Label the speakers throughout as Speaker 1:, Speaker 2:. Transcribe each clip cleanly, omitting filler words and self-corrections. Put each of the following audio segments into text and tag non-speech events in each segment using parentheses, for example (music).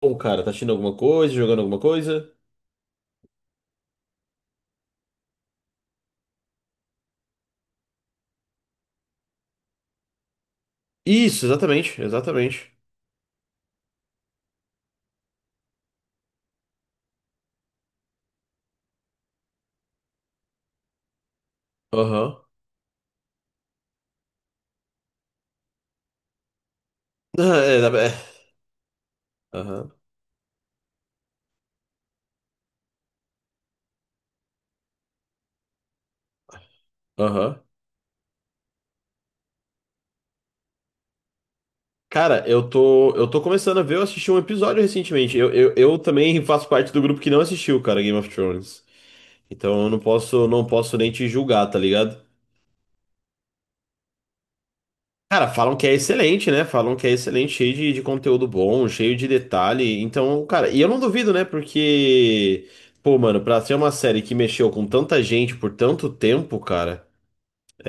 Speaker 1: Bom, cara, tá assistindo alguma coisa, jogando alguma coisa? Isso, exatamente, exatamente. Aham. (laughs) É. Aham. Aham. Cara, eu tô começando a ver, eu assisti um episódio recentemente. Eu também faço parte do grupo que não assistiu, cara, Game of Thrones. Então eu não posso, não posso nem te julgar, tá ligado? Cara, falam que é excelente, né? Falam que é excelente, cheio de conteúdo bom, cheio de detalhe. Então, cara, e eu não duvido, né? Porque, pô, mano, pra ser uma série que mexeu com tanta gente por tanto tempo, cara.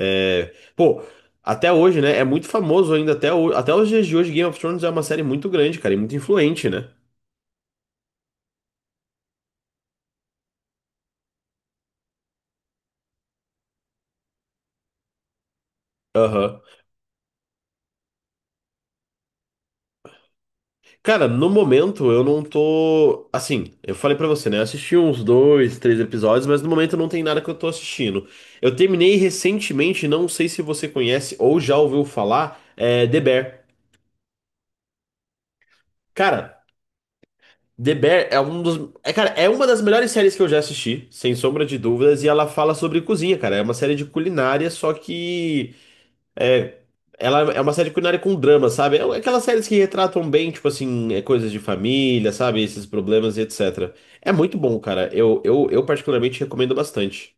Speaker 1: É, pô, até hoje, né? É muito famoso ainda até os dias de hoje. Game of Thrones é uma série muito grande, cara, e muito influente, né? Aham. Cara, no momento eu não tô. Assim, eu falei pra você, né? Eu assisti uns dois, três episódios, mas no momento não tem nada que eu tô assistindo. Eu terminei recentemente, não sei se você conhece ou já ouviu falar, é The Bear. Cara, The Bear é um dos. Cara, é uma das melhores séries que eu já assisti, sem sombra de dúvidas, e ela fala sobre cozinha, cara. É uma série de culinária, só que. É, Ela é uma série culinária com drama, sabe? É um, aquelas séries que retratam bem, tipo assim, coisas de família, sabe? Esses problemas e etc. É muito bom, cara. Eu particularmente recomendo bastante.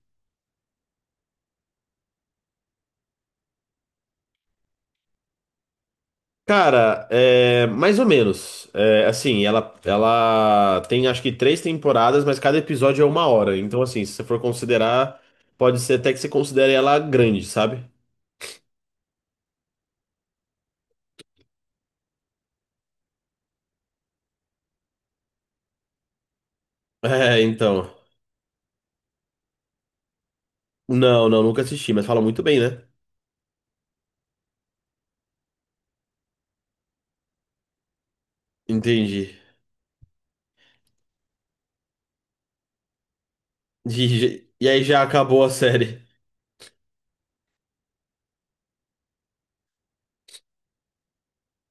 Speaker 1: Cara, mais ou menos. Assim, ela tem acho que três temporadas, mas cada episódio é uma hora. Então, assim, se você for considerar, pode ser até que você considere ela grande, sabe? (laughs) É, então. Não, não, nunca assisti, mas fala muito bem, né? Entendi. (laughs) E aí já acabou a série.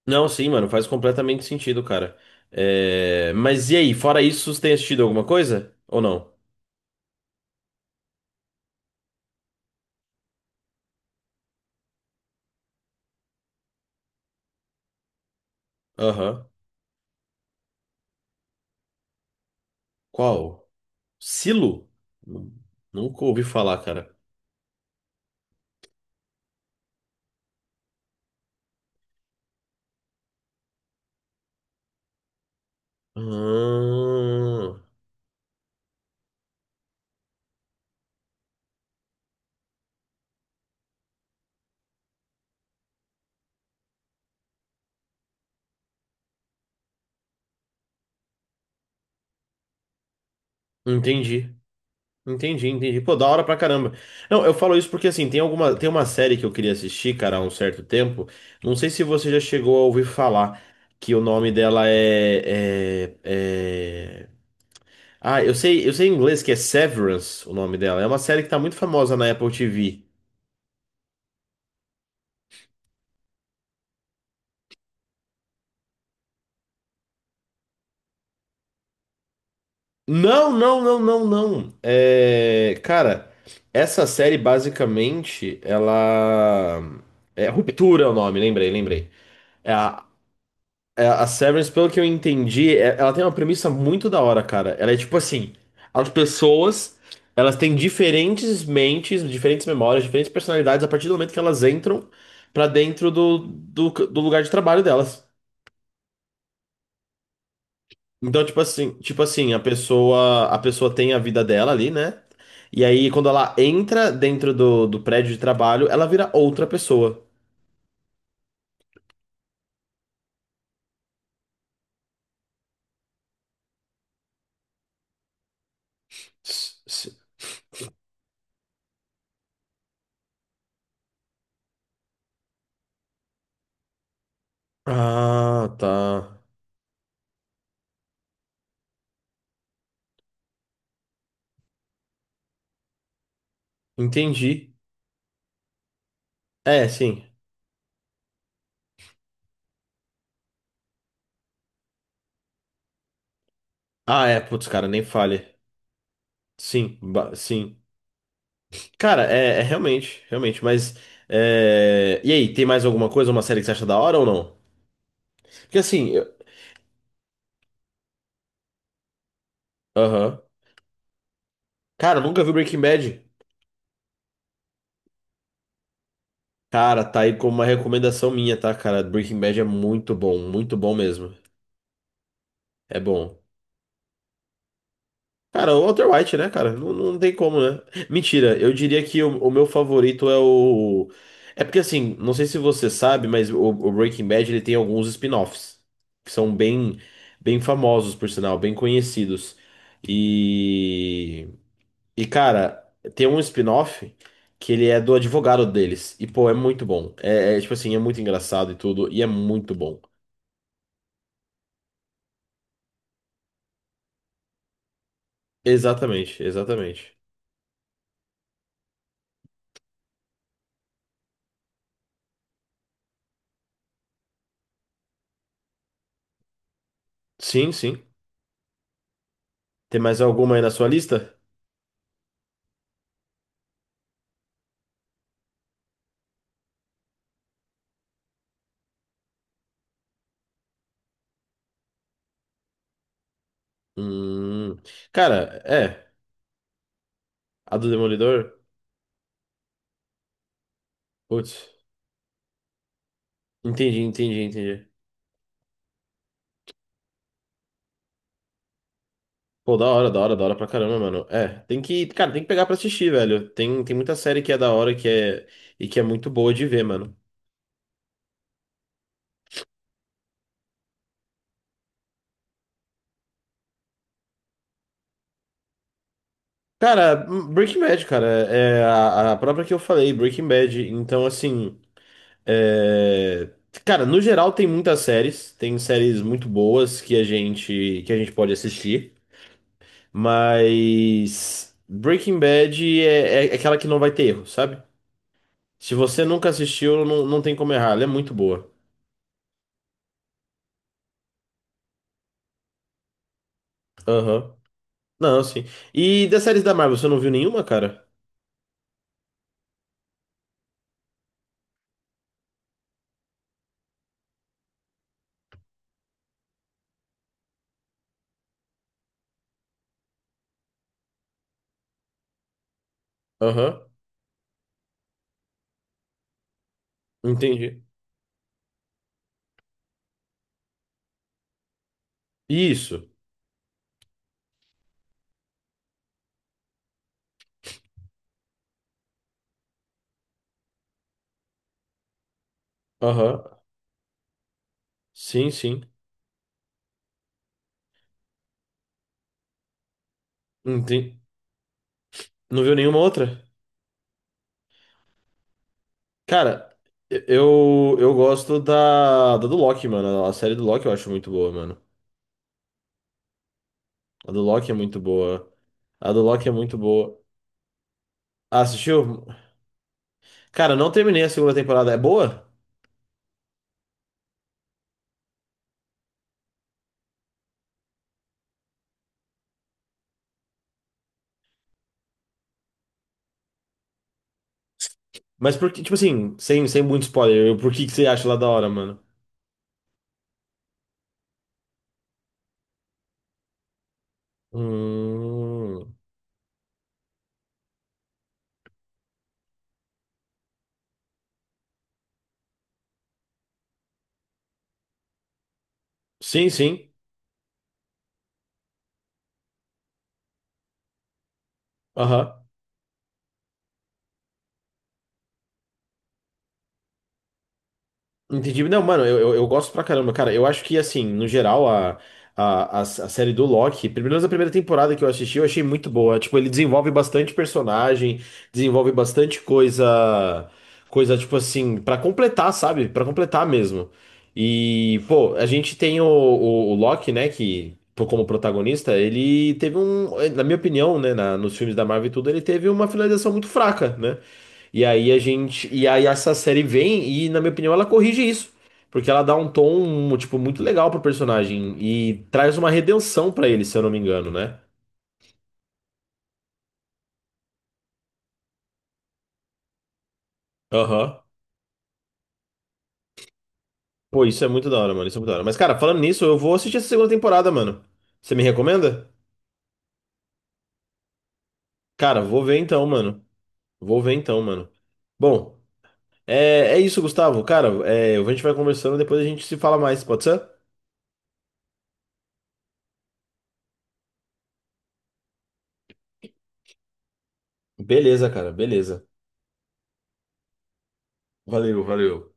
Speaker 1: Não, sim, mano, faz completamente sentido, cara. Mas e aí, fora isso, você tem assistido alguma coisa? Ou não? Aham. Qual? Silo? Nun- Nunca ouvi falar, cara. Ah, entendi. Entendi, entendi. Pô, da hora pra caramba. Não, eu falo isso porque assim, tem alguma, tem uma série que eu queria assistir, cara, há um certo tempo. Não sei se você já chegou a ouvir falar que o nome dela Ah, eu sei em inglês que é Severance o nome dela. É uma série que tá muito famosa na Apple TV. Não, não, não, não, não. Essa série basicamente ela é Ruptura é o nome, lembrei, lembrei. É a, é a Severance, pelo que eu entendi, ela tem uma premissa muito da hora, cara. Ela é tipo assim, as pessoas, elas têm diferentes mentes, diferentes memórias, diferentes personalidades a partir do momento que elas entram pra dentro do lugar de trabalho delas. Então, tipo assim, a pessoa tem a vida dela ali, né? E aí, quando ela entra dentro do prédio de trabalho, ela vira outra pessoa. S- s- Ah, tá. Entendi. É, sim. Ah, é, putz, cara, nem fale. Sim, sim. Cara, é, é realmente, realmente, mas. E aí, tem mais alguma coisa, uma série que você acha da hora ou não? Porque assim, aham. Cara, eu nunca vi Breaking Bad. Cara, tá aí como uma recomendação minha, tá, cara? Breaking Bad é muito bom mesmo. É bom. Cara, o Walter White, né, cara? Não, não tem como, né? Mentira, eu diria que o meu favorito é o. É porque, assim, não sei se você sabe, mas o Breaking Bad ele tem alguns spin-offs que são bem, bem famosos, por sinal, bem conhecidos. E. E, cara, tem um spin-off que ele é do advogado deles. E, pô, é muito bom. É, é, tipo assim, é muito engraçado e tudo, e é muito bom. Exatamente, exatamente. Sim, sim. Tem mais alguma aí na sua lista? Hum. Cara, é. A do Demolidor? Putz. Entendi, entendi, entendi. Pô, da hora, da hora, da hora pra caramba, mano. É, tem que, cara, tem que pegar pra assistir, velho. Tem, tem muita série que é da hora que é, e que é muito boa de ver, mano. Cara, Breaking Bad, cara, é é a própria que eu falei, Breaking Bad. Então, assim, é... Cara, no geral tem muitas séries, tem séries muito boas que a gente pode assistir. Mas Breaking Bad é aquela que não vai ter erro, sabe? Se você nunca assistiu, não, não tem como errar. Ela é muito boa. Aham. Não, sim. E das séries da Marvel, você não viu nenhuma, cara? Aham. Entendi. Isso. Aham. Sim, sim. Entendi. Não viu nenhuma outra? Cara, eu gosto da, da do Loki, mano. A série do Loki eu acho muito boa, mano. A do Loki é muito boa. A do Loki é muito boa. Ah, assistiu? Cara, não terminei a segunda temporada. É boa? Mas por que, tipo assim, sem, sem muito spoiler, por que que você acha lá da hora, mano? Hum... Sim, sim. Aham. Entendi. Não, mano, eu gosto pra caramba, cara. Eu acho que, assim, no geral, a série do Loki, pelo menos a primeira temporada que eu assisti, eu achei muito boa. Tipo, ele desenvolve bastante personagem, desenvolve bastante coisa, coisa, tipo assim, pra completar, sabe? Pra completar mesmo. E, pô, a gente tem o Loki, né, que, pô, como protagonista, na minha opinião, né, na, nos filmes da Marvel e tudo, ele teve uma finalização muito fraca, né? E aí essa série vem e na minha opinião ela corrige isso, porque ela dá um tom tipo muito legal pro personagem e traz uma redenção pra ele, se eu não me engano, né? Aham. Pô, isso é muito da hora, mano, isso é muito da hora. Mas cara, falando nisso, eu vou assistir essa segunda temporada, mano. Você me recomenda? Cara, vou ver então, mano. Vou ver então, mano. Bom, é, é isso, Gustavo. Cara, é, a gente vai conversando, depois a gente se fala mais, pode ser? Beleza, cara, beleza. Valeu, valeu.